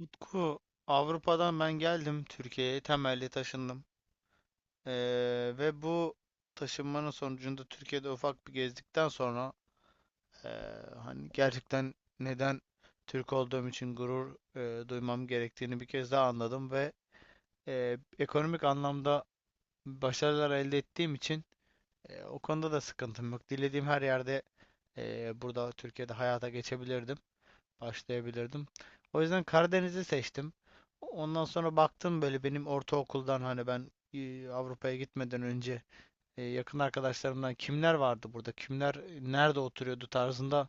Utku, Avrupa'dan ben geldim Türkiye'ye, temelli taşındım. Ve bu taşınmanın sonucunda Türkiye'de ufak bir gezdikten sonra ee, hani gerçekten neden Türk olduğum için gurur duymam gerektiğini bir kez daha anladım ve ekonomik anlamda başarılar elde ettiğim için o konuda da sıkıntım yok. Dilediğim her yerde burada Türkiye'de hayata geçebilirdim, başlayabilirdim. O yüzden Karadeniz'i seçtim. Ondan sonra baktım, böyle benim ortaokuldan hani ben Avrupa'ya gitmeden önce yakın arkadaşlarımdan kimler vardı burada, kimler nerede oturuyordu tarzında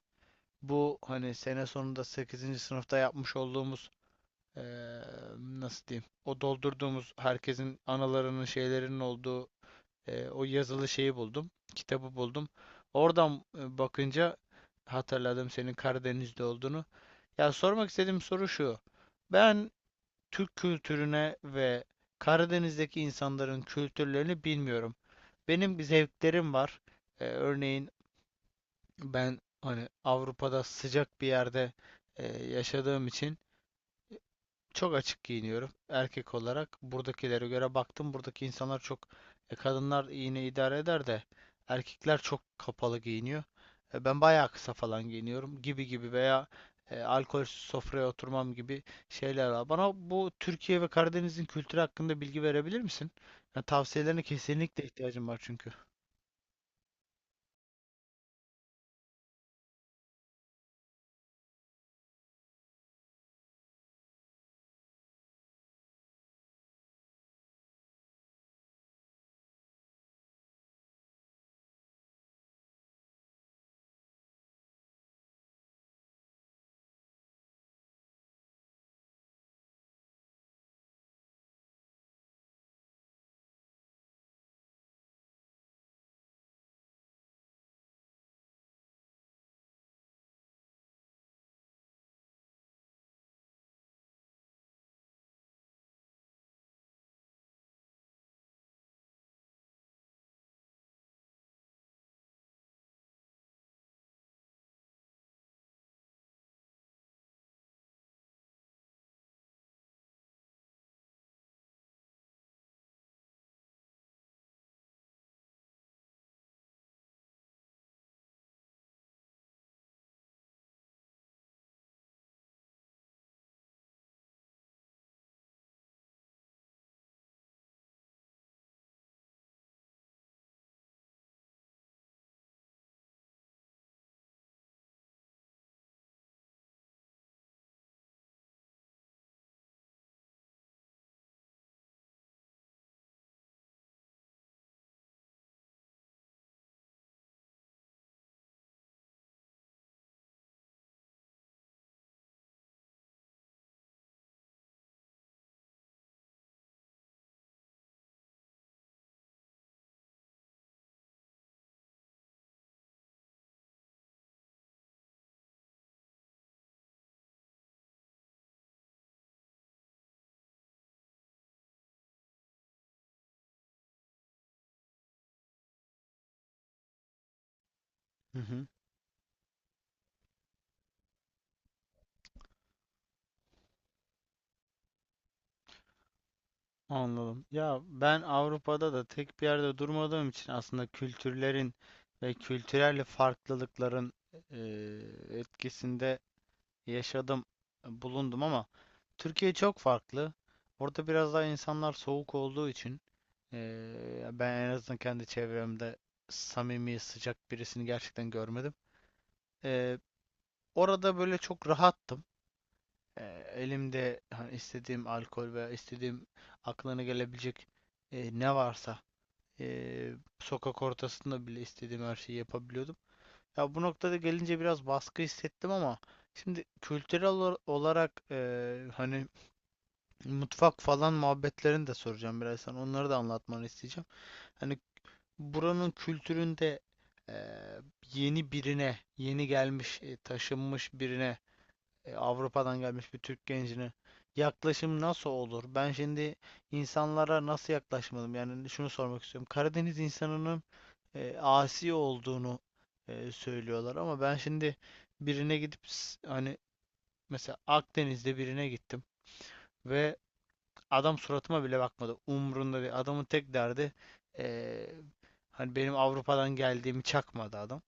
bu hani sene sonunda sekizinci sınıfta yapmış olduğumuz e, nasıl diyeyim o doldurduğumuz herkesin analarının şeylerinin olduğu o yazılı şeyi buldum. Kitabı buldum. Oradan bakınca hatırladım senin Karadeniz'de olduğunu. Ya, sormak istediğim soru şu. Ben Türk kültürüne ve Karadeniz'deki insanların kültürlerini bilmiyorum. Benim zevklerim var. Örneğin ben hani Avrupa'da sıcak bir yerde yaşadığım için çok açık giyiniyorum erkek olarak. Buradakilere göre baktım. Buradaki insanlar çok, kadınlar yine idare eder de erkekler çok kapalı giyiniyor. Ben bayağı kısa falan giyiniyorum gibi gibi, veya alkolsüz sofraya oturmam gibi şeyler var. Bana bu Türkiye ve Karadeniz'in kültürü hakkında bilgi verebilir misin? Yani tavsiyelerine kesinlikle ihtiyacım var çünkü. Hı hı. Anladım. Ya ben Avrupa'da da tek bir yerde durmadığım için aslında kültürlerin ve kültürel farklılıkların etkisinde yaşadım, bulundum, ama Türkiye çok farklı. Orada biraz daha insanlar soğuk olduğu için ben en azından kendi çevremde samimi, sıcak birisini gerçekten görmedim. Eee, Orada böyle çok rahattım. Elimde hani istediğim alkol veya istediğim aklına gelebilecek ne varsa, sokak ortasında bile istediğim her şeyi yapabiliyordum. Ya bu noktada gelince biraz baskı hissettim, ama şimdi kültürel olarak hani mutfak falan muhabbetlerini de soracağım birazdan. Onları da anlatmanı isteyeceğim. Hani buranın kültüründe eee, yeni birine, yeni gelmiş, taşınmış birine, Avrupa'dan gelmiş bir Türk gencine yaklaşım nasıl olur? Ben şimdi insanlara nasıl yaklaşmalım? Yani şunu sormak istiyorum. Karadeniz insanının asi olduğunu söylüyorlar, ama ben şimdi birine gidip hani mesela Akdeniz'de birine gittim ve adam suratıma bile bakmadı. Umrunda değil. Adamın tek derdi e, hani, benim Avrupa'dan geldiğimi çakmadı adam.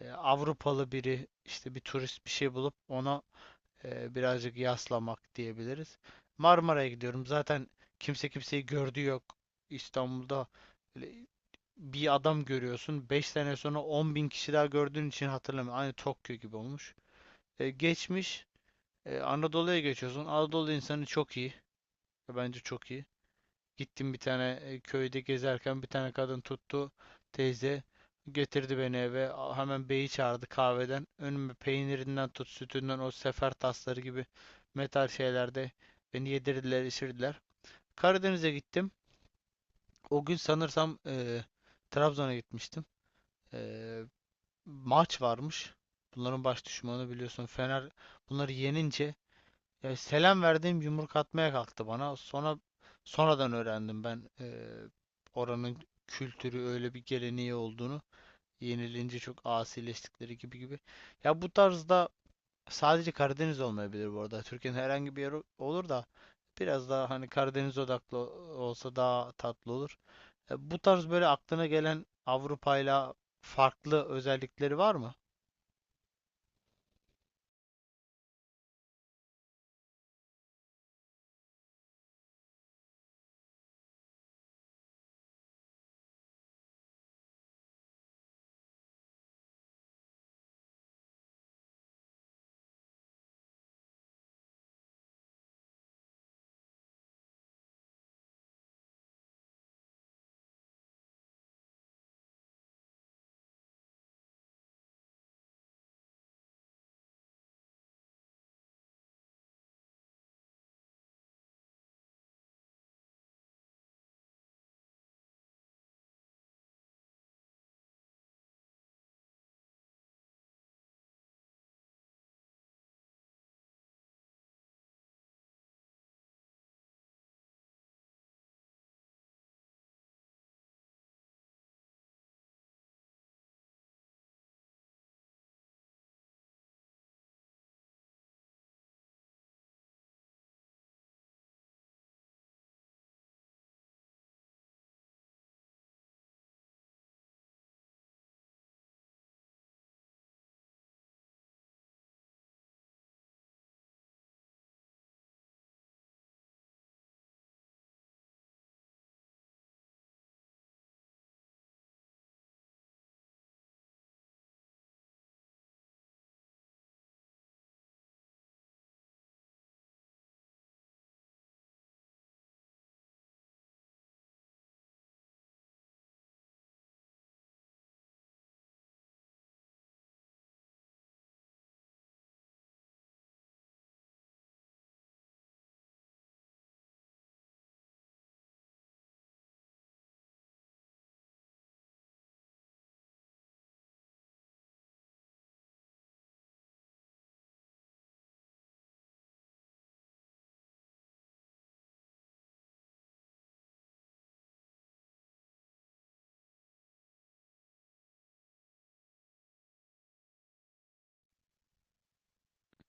Avrupalı biri işte, bir turist bir şey bulup ona birazcık yaslamak diyebiliriz. Marmara'ya gidiyorum. Zaten kimse kimseyi gördüğü yok. İstanbul'da öyle bir adam görüyorsun, 5 sene sonra 10 bin kişi daha gördüğün için hatırlamıyorum. Aynı Tokyo gibi olmuş. Geçmiş. Anadolu'ya geçiyorsun. Anadolu insanı çok iyi. Bence çok iyi. Gittim, bir tane köyde gezerken bir tane kadın tuttu, teyze, getirdi beni eve, hemen beyi çağırdı, kahveden önüme peynirinden tut sütünden, o sefer tasları gibi metal şeylerde beni yedirdiler içirdiler. Karadeniz'e gittim, o gün sanırsam Trabzon'a gitmiştim. E, Maç varmış, bunların baş düşmanı biliyorsun, Fener, bunları yenince ya selam verdiğim yumruk atmaya kalktı bana. Sonra sonradan öğrendim ben oranın kültürü öyle bir geleneği olduğunu. Yenilince çok asileştikleri gibi gibi. Ya bu tarzda sadece Karadeniz olmayabilir bu arada. Türkiye'nin herhangi bir yeri olur da biraz daha hani Karadeniz odaklı olsa daha tatlı olur. Bu tarz böyle aklına gelen Avrupa'yla farklı özellikleri var mı?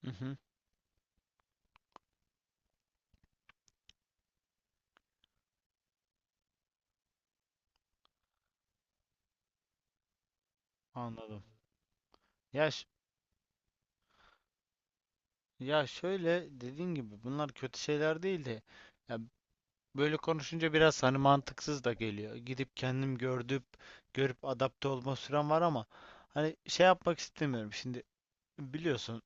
Mhm. Anladım. Ya Ya, şöyle dediğin gibi bunlar kötü şeyler değil de, ya böyle konuşunca biraz hani mantıksız da geliyor. Gidip kendim görüp adapte olma sürem var, ama hani şey yapmak istemiyorum. Şimdi biliyorsun,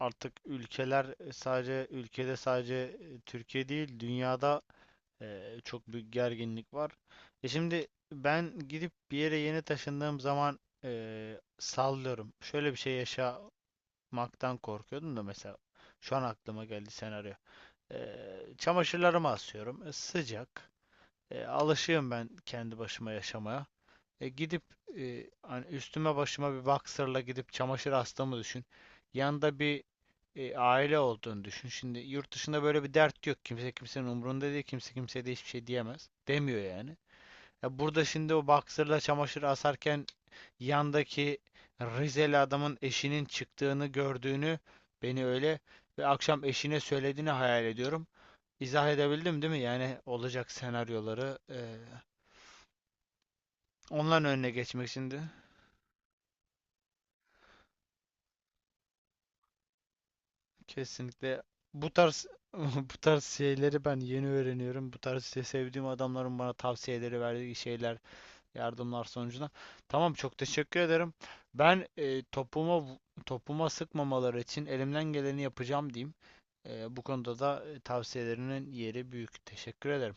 artık ülkeler, sadece ülkede, sadece Türkiye değil dünyada çok büyük gerginlik var. Şimdi ben gidip bir yere yeni taşındığım zaman, sallıyorum. Şöyle bir şey yaşa maktan korkuyordum da, mesela şu an aklıma geldi senaryo. Çamaşırlarımı asıyorum. Sıcak. Alışığım ben kendi başıma yaşamaya. Gidip hani üstüme başıma bir boxer'la gidip çamaşır astığımı düşün. Yanında bir aile olduğunu düşün. Şimdi yurt dışında böyle bir dert yok. Kimse kimsenin umurunda değil. Kimse kimseye de hiçbir şey diyemez. Demiyor yani. Ya burada şimdi o boxer'la çamaşır asarken yandaki Rizeli adamın eşinin çıktığını gördüğünü, beni öyle, ve akşam eşine söylediğini hayal ediyorum. İzah edebildim değil mi? Yani olacak senaryoları, onların önüne geçmek için de kesinlikle bu tarz bu tarz şeyleri ben yeni öğreniyorum. Bu tarz işte, sevdiğim adamların bana tavsiyeleri verdiği şeyler, yardımlar sonucunda. Tamam, çok teşekkür ederim. Ben topuma sıkmamaları için elimden geleni yapacağım diyeyim. Bu konuda da tavsiyelerinin yeri büyük. Teşekkür ederim.